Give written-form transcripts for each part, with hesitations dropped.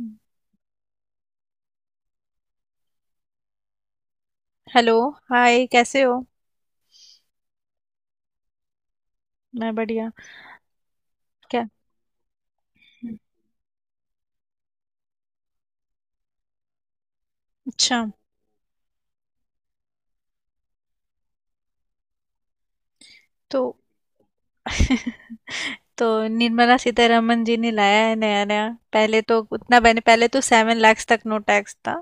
हुँ। Hello, hi कैसे हो? मैं बढ़िया। क्या। हुँ। अच्छा, तो तो निर्मला सीतारमण जी ने लाया है नया-नया। पहले तो 7 लाख तक नो टैक्स था।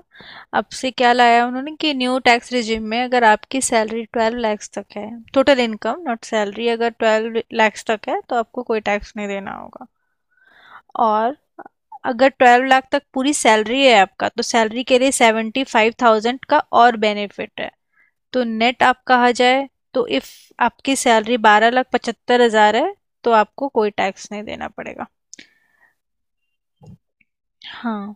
अब से क्या लाया उन्होंने कि न्यू टैक्स रिजिम में अगर आपकी सैलरी 12 लाख तक है, टोटल इनकम नॉट सैलरी, अगर 12 लाख तक है तो आपको कोई टैक्स नहीं देना होगा। और अगर 12 लाख तक पूरी सैलरी है आपका तो सैलरी के लिए 75,000 का और बेनिफिट है। तो नेट आप कहा जाए तो इफ आपकी सैलरी 12,75,000 है तो आपको कोई टैक्स नहीं देना पड़ेगा। हाँ।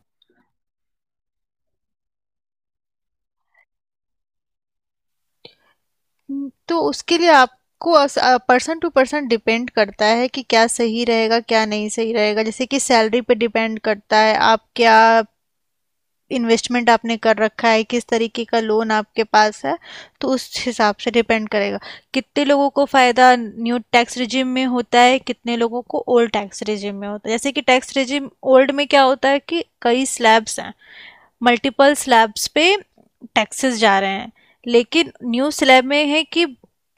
तो उसके लिए आपको, पर्सन टू पर्सन डिपेंड करता है कि क्या सही रहेगा क्या नहीं सही रहेगा। जैसे कि सैलरी पे डिपेंड करता है, आप क्या इन्वेस्टमेंट आपने कर रखा है, किस तरीके का लोन आपके पास है, तो उस हिसाब से डिपेंड करेगा। कितने लोगों को फ़ायदा न्यू टैक्स रिजिम में होता है, कितने लोगों को ओल्ड टैक्स रिजिम में होता है। जैसे कि टैक्स रिजिम ओल्ड में क्या होता है कि कई स्लैब्स हैं, मल्टीपल स्लैब्स पे टैक्सेस जा रहे हैं। लेकिन न्यू स्लैब में है कि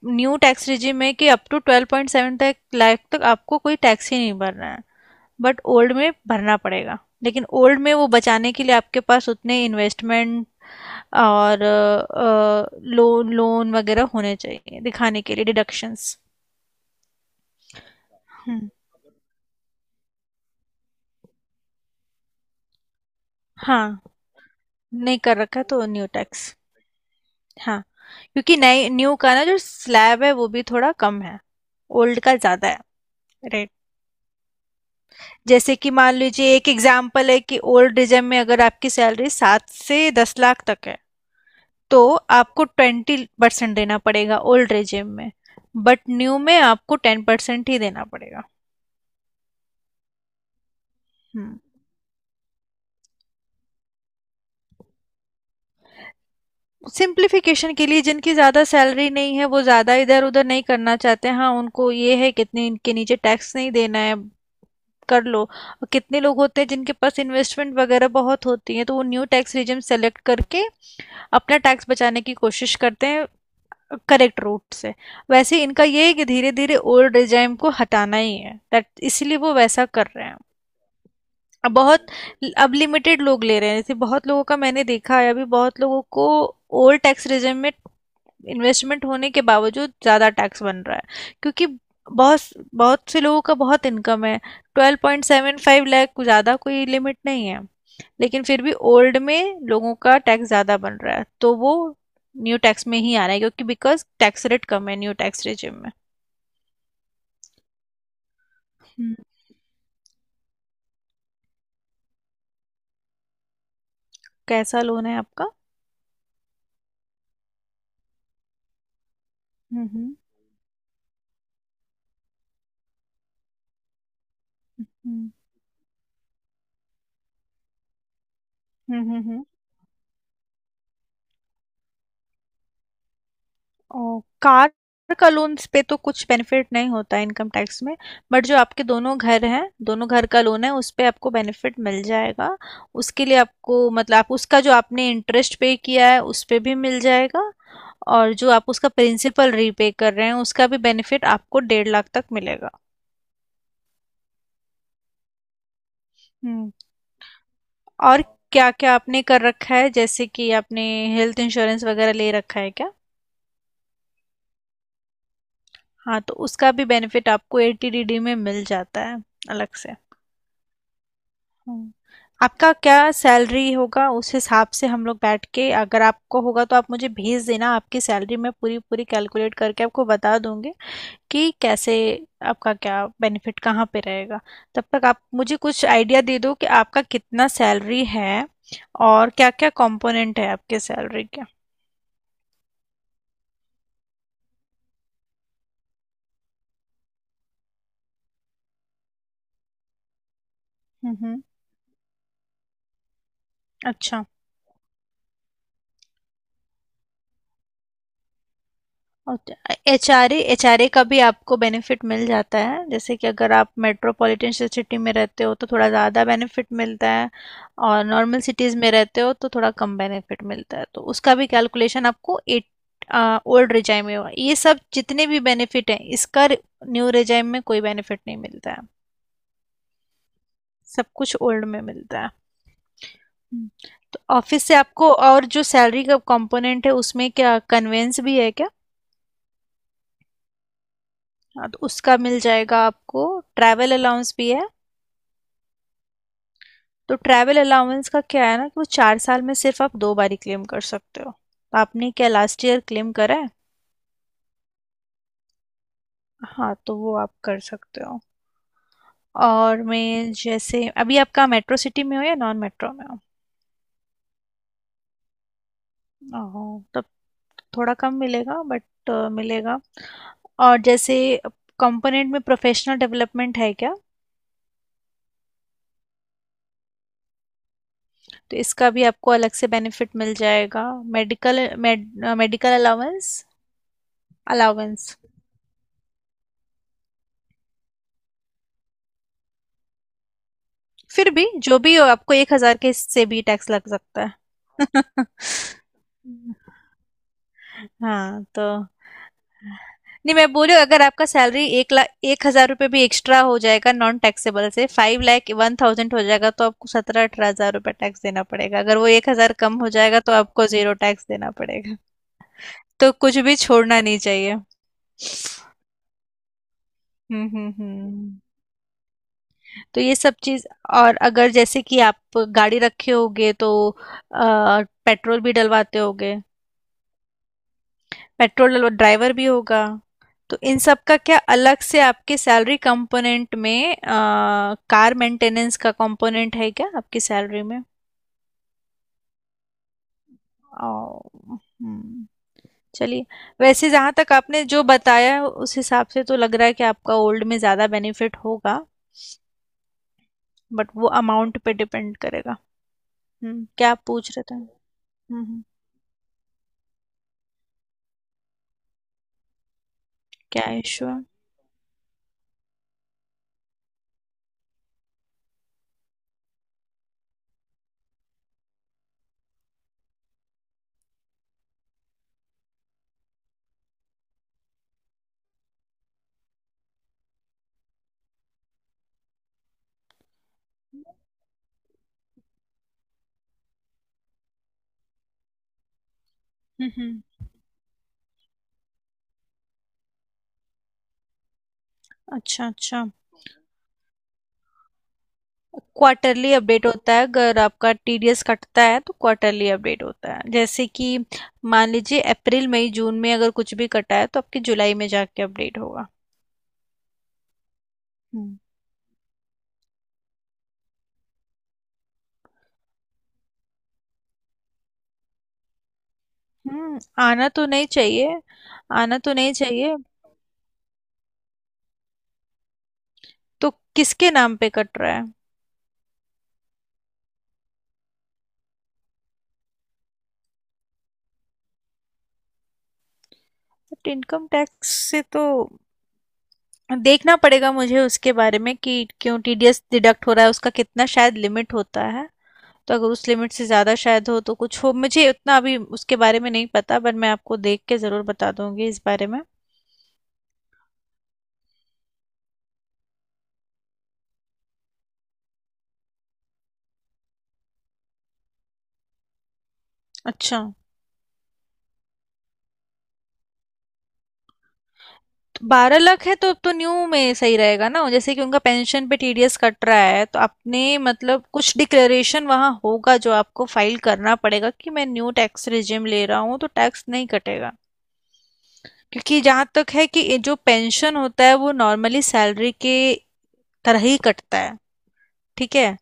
न्यू टैक्स रिजिम में कि अप टू 12.7 लाख तक आपको कोई टैक्स ही नहीं भरना है, बट ओल्ड में भरना पड़ेगा। लेकिन ओल्ड में वो बचाने के लिए आपके पास उतने इन्वेस्टमेंट और लोन लोन वगैरह होने चाहिए दिखाने के लिए, डिडक्शंस। हाँ। नहीं कर रखा तो न्यू टैक्स। हाँ, क्योंकि नए न्यू का ना जो स्लैब है वो भी थोड़ा कम है, ओल्ड का ज़्यादा है रेट। जैसे कि मान लीजिए एक एग्जाम्पल है कि ओल्ड रिजर्व में अगर आपकी सैलरी 7 से 10 लाख तक है तो आपको 20% देना पड़ेगा ओल्ड रेजिम में, बट न्यू में आपको 10% ही देना पड़ेगा। हम्म। सिंप्लीफिकेशन के लिए, जिनकी ज़्यादा सैलरी नहीं है वो ज़्यादा इधर उधर नहीं करना चाहते, हाँ, उनको ये है कितने इनके नीचे टैक्स नहीं देना है कर लो। और कितने लोग होते हैं जिनके पास इन्वेस्टमेंट वगैरह बहुत होती है तो वो न्यू टैक्स रिजिम सेलेक्ट करके अपना टैक्स बचाने की कोशिश करते हैं करेक्ट रूट से। वैसे इनका ये है कि धीरे धीरे ओल्ड रिजाइम को हटाना ही है दैट, इसलिए वो वैसा कर रहे हैं। अब बहुत अब लिमिटेड लोग ले रहे हैं। जैसे बहुत लोगों का मैंने देखा है, अभी बहुत लोगों को ओल्ड टैक्स रेजिम में इन्वेस्टमेंट होने के बावजूद ज़्यादा टैक्स बन रहा है, क्योंकि बहुत बहुत से लोगों का बहुत इनकम है, 12.75 लाख ज़्यादा कोई लिमिट नहीं है। लेकिन फिर भी ओल्ड में लोगों का टैक्स ज़्यादा बन रहा है तो वो न्यू टैक्स में ही आ रहा है क्योंकि बिकॉज टैक्स रेट कम है न्यू टैक्स रेजिम में। हम्म, कैसा लोन है आपका? हम्म। हम्म। हम्म। ओ, कार का लोन्स पे तो कुछ बेनिफिट नहीं होता है इनकम टैक्स में, बट जो आपके दोनों घर हैं, दोनों घर का लोन है उस पे आपको बेनिफिट मिल जाएगा। उसके लिए आपको, मतलब आप उसका जो आपने इंटरेस्ट पे किया है उस पे भी मिल जाएगा, और जो आप उसका प्रिंसिपल रीपे कर रहे हैं उसका भी बेनिफिट आपको 1.5 लाख तक मिलेगा। हम्म। और क्या क्या आपने कर रखा है, जैसे कि आपने हेल्थ इंश्योरेंस वगैरह ले रखा है क्या? हाँ तो उसका भी बेनिफिट आपको एटीडीडी में मिल जाता है अलग से। हम्म। आपका क्या सैलरी होगा उस हिसाब से हम लोग बैठ के, अगर आपको होगा तो आप मुझे भेज देना आपकी सैलरी, मैं पूरी पूरी कैलकुलेट करके आपको बता दूंगी कि कैसे आपका क्या बेनिफिट कहाँ पे रहेगा। तब तक आप मुझे कुछ आइडिया दे दो कि आपका कितना सैलरी है और क्या क्या कंपोनेंट है आपके सैलरी के। हम्म। अच्छा। एचआरए एचआरए का भी आपको बेनिफिट मिल जाता है, जैसे कि अगर आप मेट्रोपॉलिटन सिटी में रहते हो तो थोड़ा ज़्यादा बेनिफिट मिलता है, और नॉर्मल सिटीज़ में रहते हो तो थोड़ा कम बेनिफिट मिलता है, तो उसका भी कैलकुलेशन आपको एट ओल्ड रिजाइम में होगा। ये सब जितने भी बेनिफिट हैं इसका, न्यू रिजाइम में कोई बेनिफिट नहीं मिलता है, सब कुछ ओल्ड में मिलता है। हम्म। तो ऑफिस से आपको और जो सैलरी का कंपोनेंट है उसमें क्या कन्वेंस भी है क्या? हाँ तो उसका मिल जाएगा आपको। ट्रैवल अलाउंस भी है, तो ट्रैवल अलाउंस का क्या है ना कि वो 4 साल में सिर्फ आप 2 बारी क्लेम कर सकते हो, तो आपने क्या लास्ट ईयर क्लेम करा है? हाँ तो वो आप कर सकते हो। और मैं जैसे अभी आपका मेट्रो सिटी में हो या नॉन मेट्रो में हो? ओहो, तब थोड़ा कम मिलेगा बट मिलेगा। और जैसे कंपोनेंट में प्रोफेशनल डेवलपमेंट है क्या? तो इसका भी आपको अलग से बेनिफिट मिल जाएगा। Medical med, medical allowance. Allowance. फिर भी, जो भी हो आपको 1,000 के से भी टैक्स लग सकता है। हाँ, तो नहीं, मैं बोल रही हूँ अगर आपका सैलरी 1,01,000 रुपये भी एक्स्ट्रा हो जाएगा नॉन टैक्सेबल से, 5,01,000 हो जाएगा तो आपको 17-18 हजार रुपये टैक्स देना पड़ेगा, अगर वो 1,000 कम हो जाएगा तो आपको जीरो टैक्स देना पड़ेगा। तो कुछ भी छोड़ना नहीं चाहिए। हम्म। तो ये सब चीज, और अगर जैसे कि आप गाड़ी रखे होगे तो पेट्रोल भी डलवाते होगे। पेट्रोल डलवा, ड्राइवर भी होगा। तो इन सब का क्या अलग से आपके सैलरी कंपोनेंट में कार मेंटेनेंस का कंपोनेंट है क्या आपकी सैलरी में? ओ। हम्म। चलिए, वैसे जहाँ तक आपने जो बताया है, उस हिसाब से तो लग रहा है कि आपका ओल्ड में ज़्यादा बेनिफिट होगा, बट वो अमाउंट पे डिपेंड करेगा। क्या आप पूछ रहे थे? हम्म। हम्म, क्या इशू है? हम्म। हम्म। अच्छा अच्छा। क्वार्टरली अपडेट होता है, अगर आपका टीडीएस कटता है तो क्वार्टरली अपडेट होता है, जैसे कि मान लीजिए अप्रैल मई जून में अगर कुछ भी कटा है तो आपके जुलाई में जाके अपडेट होगा। हम्म। हम्म, आना तो नहीं चाहिए। आना तो नहीं चाहिए। तो किसके नाम पे कट रहा है? बट इनकम टैक्स से तो देखना पड़ेगा मुझे उसके बारे में कि क्यों टीडीएस डिडक्ट हो रहा है, उसका कितना शायद लिमिट होता है, तो अगर उस लिमिट से ज़्यादा शायद हो तो कुछ हो, मुझे उतना अभी उसके बारे में नहीं पता, बट मैं आपको देख के ज़रूर बता दूंगी इस बारे में। अच्छा। तो 12 लाख है तो अब तो न्यू में सही रहेगा ना। जैसे कि उनका पेंशन पे टीडीएस कट रहा है, तो आपने मतलब कुछ डिक्लेरेशन वहाँ होगा जो आपको फाइल करना पड़ेगा कि मैं न्यू टैक्स रिजिम ले रहा हूँ तो टैक्स नहीं कटेगा, क्योंकि जहाँ तक है कि ये जो पेंशन होता है वो नॉर्मली सैलरी के तरह ही कटता है। ठीक है,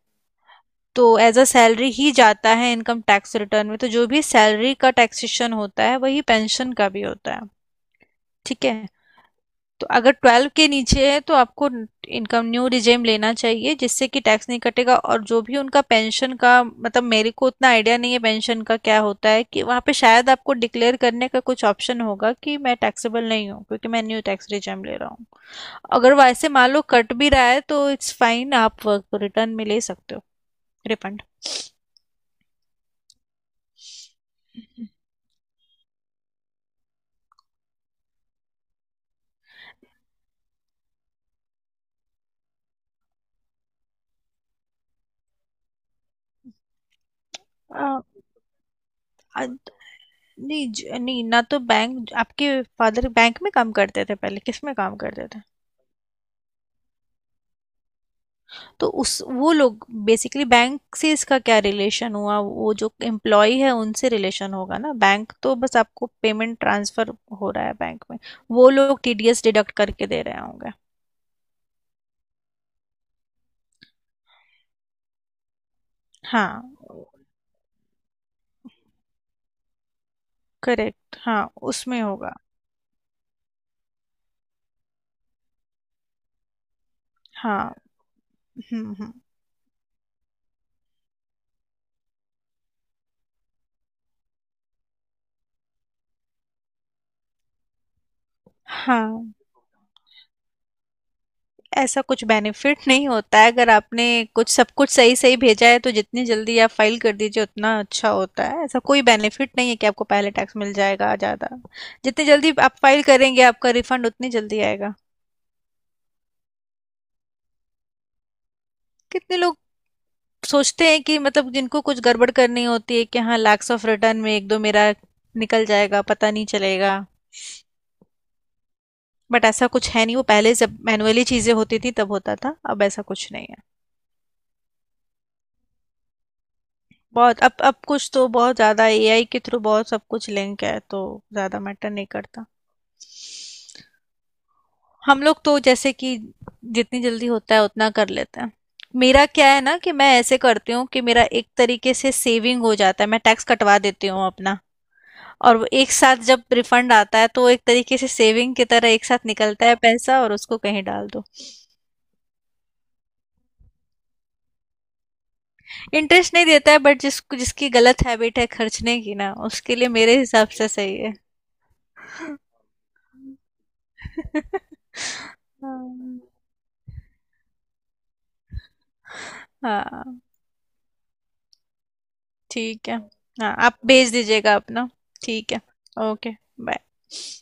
तो एज अ सैलरी ही जाता है इनकम टैक्स रिटर्न में, तो जो भी सैलरी का टैक्सेशन होता है वही पेंशन का भी होता है। ठीक है। तो अगर 12 के नीचे है तो आपको इनकम, न्यू रिजेम लेना चाहिए जिससे कि टैक्स नहीं कटेगा, और जो भी उनका पेंशन का मतलब मेरे को उतना आइडिया नहीं है पेंशन का क्या होता है कि वहाँ पे शायद आपको डिक्लेयर करने का कुछ ऑप्शन होगा कि मैं टैक्सेबल नहीं हूँ क्योंकि मैं न्यू टैक्स रिजेम ले रहा हूँ। अगर वैसे मान लो कट भी रहा है तो इट्स फाइन, आप वर्क रिटर्न में ले सकते हो रिफंड। अ, अ, नहीं ना, तो बैंक आपके फादर, बैंक में काम करते थे पहले, किस में काम करते थे? तो उस, वो लोग बेसिकली बैंक से इसका क्या रिलेशन हुआ? वो जो एम्प्लॉय है उनसे रिलेशन होगा ना, बैंक तो बस आपको पेमेंट ट्रांसफर हो रहा है बैंक में, वो लोग टीडीएस डिडक्ट करके दे रहे होंगे। हाँ करेक्ट, हाँ उसमें होगा। हाँ। हम्म। हाँ, ऐसा कुछ बेनिफिट नहीं होता है। अगर आपने कुछ सब कुछ सही-सही भेजा है तो जितनी जल्दी आप फाइल कर दीजिए उतना अच्छा होता है, ऐसा कोई बेनिफिट नहीं है कि आपको पहले टैक्स मिल जाएगा ज़्यादा। जितनी जल्दी आप फाइल करेंगे आपका रिफंड उतनी जल्दी आएगा। कितने लोग सोचते हैं कि मतलब जिनको कुछ गड़बड़ करनी होती है कि हाँ लैक्स ऑफ रिटर्न में एक दो मेरा निकल जाएगा पता नहीं चलेगा, बट ऐसा कुछ है नहीं, वो पहले जब मैनुअली चीज़ें होती थी तब होता था, अब ऐसा कुछ नहीं है। बहुत अब कुछ तो बहुत ज़्यादा एआई के थ्रू बहुत सब कुछ लिंक है तो ज़्यादा मैटर नहीं करता। हम लोग तो जैसे कि जितनी जल्दी होता है उतना कर लेते हैं। मेरा क्या है ना कि मैं ऐसे करती हूँ कि मेरा एक तरीके से सेविंग हो जाता है, मैं टैक्स कटवा देती हूँ अपना, और वो एक साथ जब रिफंड आता है तो वो एक तरीके से सेविंग की तरह एक साथ निकलता है पैसा और उसको कहीं डाल दो। इंटरेस्ट नहीं देता है, बट जिसको जिसकी गलत हैबिट है खर्चने की ना उसके लिए मेरे हिसाब से सही है। हाँ। हाँ। ठीक है। हाँ आप भेज दीजिएगा अपना। ठीक है। ओके। बाय।